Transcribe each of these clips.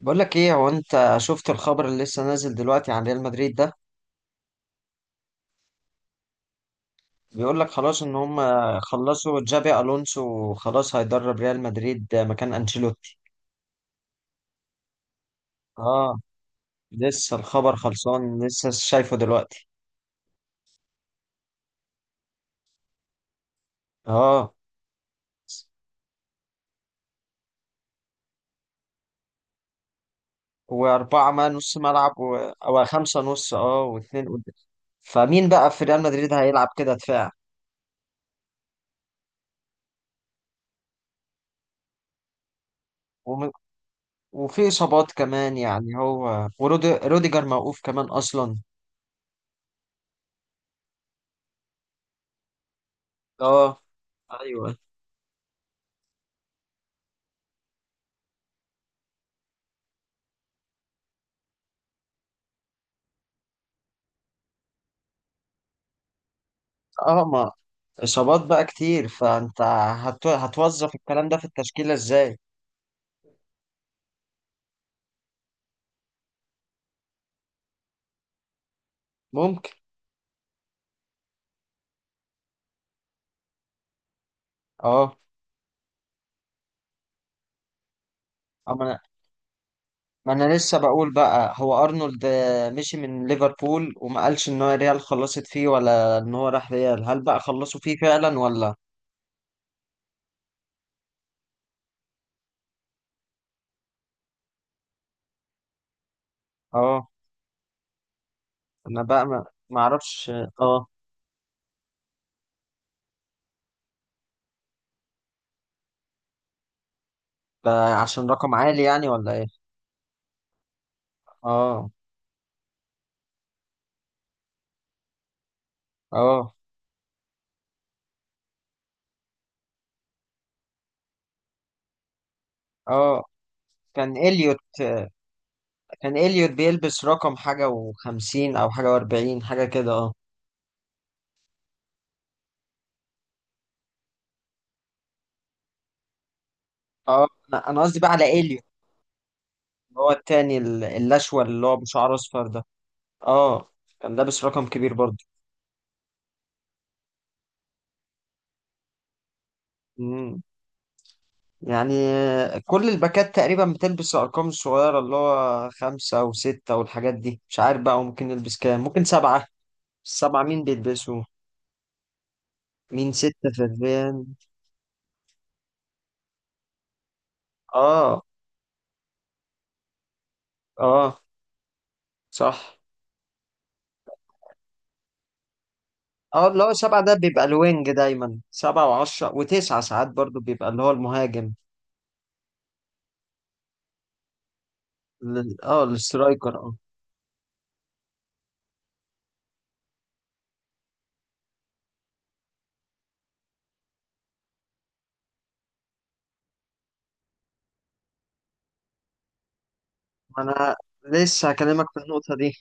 بقول لك ايه هو انت شفت الخبر اللي لسه نازل دلوقتي عن ريال مدريد ده؟ بيقول لك خلاص ان هم خلصوا جابي الونسو وخلاص هيدرب ريال مدريد مكان انشيلوتي. اه. لسه الخبر خلصان لسه شايفه دلوقتي. اه واربعه ما نص ملعب او خمسه نص واثنين قدام. فمين بقى في ريال مدريد هيلعب كده دفاع؟ وم... وفي اصابات كمان يعني هو وروديجر موقوف كمان اصلا. اه. ايوه. اه. ما إصابات بقى كتير فأنت هتوظف الكلام ده في التشكيلة إزاي؟ ممكن. أه. أما أنا ما أنا لسه بقول بقى هو أرنولد مشي من ليفربول وما قالش إن هو ريال خلصت فيه ولا إن هو راح ريال. هل بقى خلصوا فيه فعلا ولا؟ أه. أنا بقى ما ما أعرفش. أه. ده عشان رقم عالي يعني ولا إيه؟ أه. أه. أه. كان إليوت كان إليوت بيلبس رقم حاجة وخمسين أو حاجة وأربعين حاجة كده. أه. أه. أنا قصدي بقى على إليوت. هو التاني الأشول اللي هو بشعر أصفر ده. اه كان لابس رقم كبير برضه. مم. يعني كل الباكات تقريبا بتلبس الأرقام الصغيرة، اللي هو خمسة وستة والحاجات دي، مش عارف بقى ممكن يلبس كام، ممكن سبعة. السبعة مين بيلبسوا؟ مين ستة في الريان؟ اه. اه. صح. اه اللي هو سبعة ده بيبقى الوينج، دايما سبعة وعشرة وتسعة، ساعات برضه بيبقى اللي هو المهاجم. السترايكر. اه. ما أنا لسه هكلمك في النقطة دي.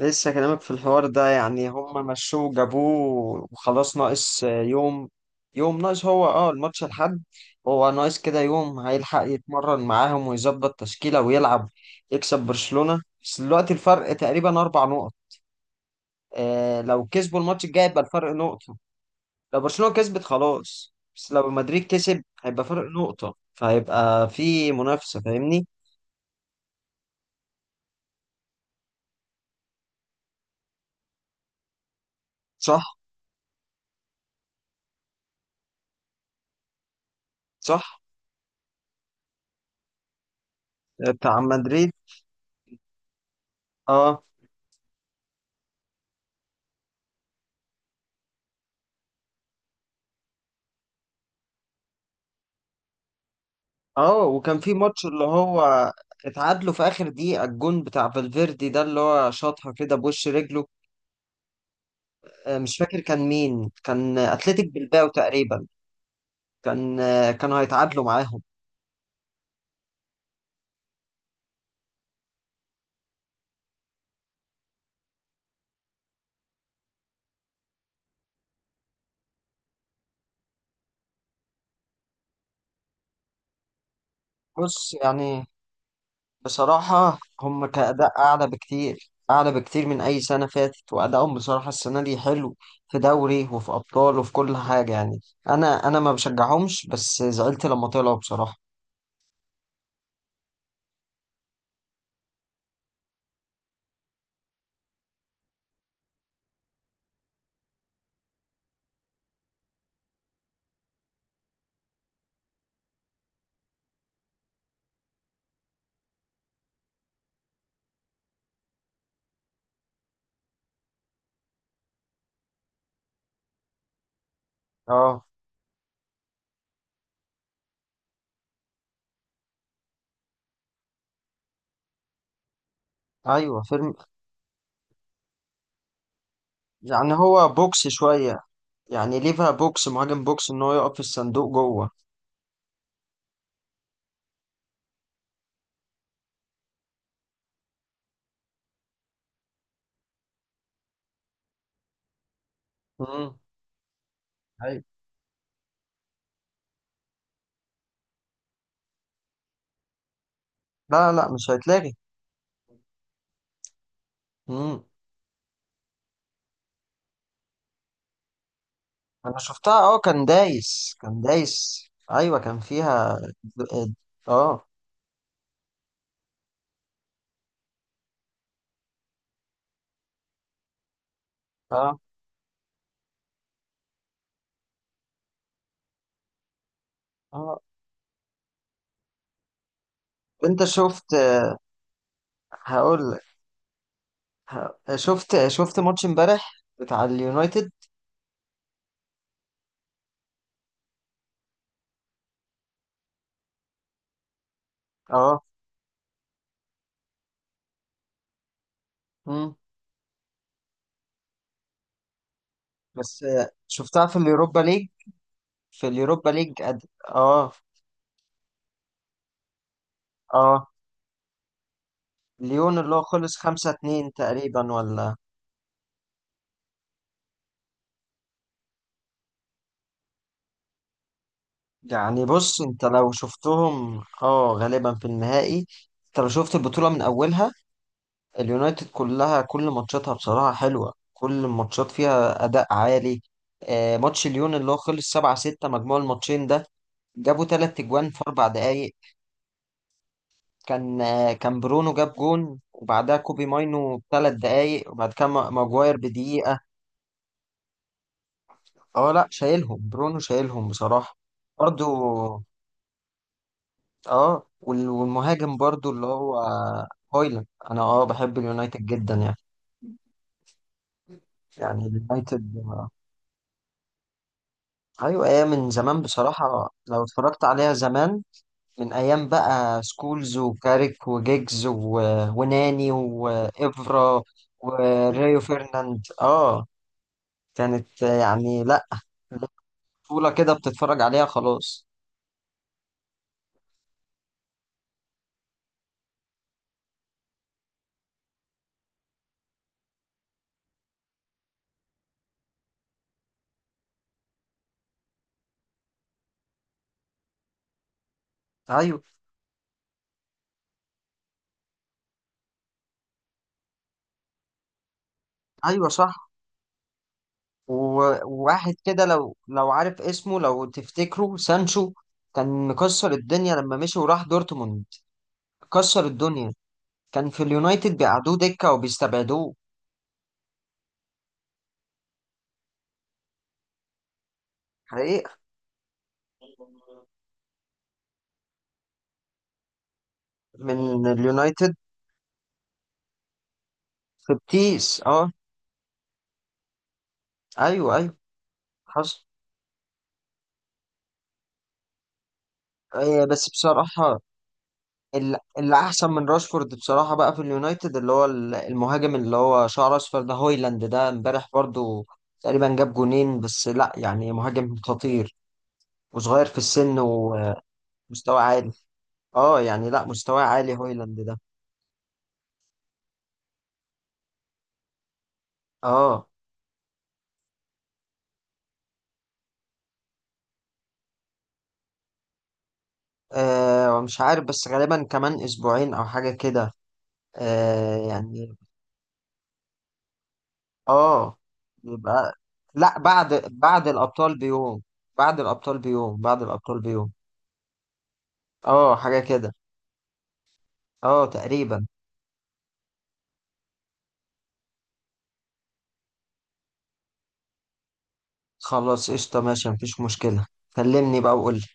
لسه كلامك في الحوار ده، يعني هم مشوه وجابوه وخلاص ناقص يوم. يوم ناقص، هو الماتش الحد. هو ناقص كده يوم، هيلحق يتمرن معاهم ويظبط تشكيلة ويلعب يكسب برشلونة. بس دلوقتي الفرق تقريبا أربع نقط. لو كسبوا الماتش الجاي يبقى الفرق نقطة. لو برشلونة كسبت خلاص، بس لو مدريد كسب هيبقى فرق نقطة، فهيبقى في منافسة فاهمني. صح. صح. بتاع مدريد. اه. اه. وكان في ماتش اللي هو اتعادلوا في اخر دقيقة، الجون بتاع فالفيردي ده اللي هو شاطها كده بوش رجله. مش فاكر كان مين، كان اتلتيك بلباو تقريبا. كانوا هيتعادلوا معاهم. بص يعني، بصراحة هم كأداء أعلى بكتير، أعلى بكتير من أي سنة فاتت، وأدائهم بصراحة السنة دي حلو. في دوري وفي أبطال وفي كل حاجة يعني. أنا ما بشجعهمش بس زعلت لما طلعوا بصراحة. اه. أيوه. فيلم. يعني هو بوكس شوية، يعني ليفها بوكس، مهاجم بوكس ان هو يقف في الصندوق جوه. مم. ايوه. لا، لا، مش هيتلغي. مم. انا شفتها، كان دايس كان دايس. ايوه كان فيها. د- اه. اه. اه. انت شفت؟ هقول لك. شفت ماتش امبارح بتاع اليونايتد. اه. مم. بس شفتها في اليوروبا ليج. في اليوروبا ليج اه ليون اللي هو خلص 5-2 تقريبا ولا؟ يعني بص، انت لو شفتهم غالبا في النهائي. انت لو شفت البطولة من اولها، اليونايتد كلها كل ماتشاتها بصراحة حلوة، كل الماتشات فيها اداء عالي. ماتش ليون اللي هو خلص 7-6 مجموع الماتشين ده، جابوا تلات اجوان في اربع دقايق. كان برونو جاب جون، وبعدها كوبي ماينو بثلاث دقايق، وبعد كده ماجواير بدقيقة. اه لا، شايلهم برونو، شايلهم بصراحة. برضو. اه والمهاجم برضو اللي هو هويلاند، انا بحب اليونايتد جدا يعني. يعني اليونايتد. ايوه، ايام من زمان بصراحه لو اتفرجت عليها زمان. من ايام بقى سكولز وكاريك وجيجز وناني وافرا وريو فيرناند. اه. كانت يعني، لا، بطوله كده بتتفرج عليها خلاص. ايوه. ايوه. صح. وواحد كده، لو عارف اسمه، لو تفتكره، سانشو. كان مكسر الدنيا لما مشي وراح دورتموند. كسر الدنيا. كان في اليونايتد بيقعدوه دكة وبيستبعدوه. حقيقة. من اليونايتد، في بتيس. اه. ايوه. ايوه. حصل. بس بصراحة اللي احسن من راشفورد بصراحة بقى في اليونايتد، اللي هو المهاجم اللي هو شعره اصفر ده، هويلاند، ده امبارح برضو تقريبا جاب جونين. بس لا يعني مهاجم خطير، وصغير في السن، ومستوى عالي. اه يعني لا، مستوى عالي هويلاند ده. اه. ومش عارف، بس غالبا كمان اسبوعين او حاجة كده. آه يعني اه يبقى لا، بعد الابطال بيوم. بعد الابطال بيوم. بعد الابطال بيوم. اه حاجة كده. اه تقريبا. خلاص قشطة، ماشي، مفيش مشكلة. كلمني بقى وقول.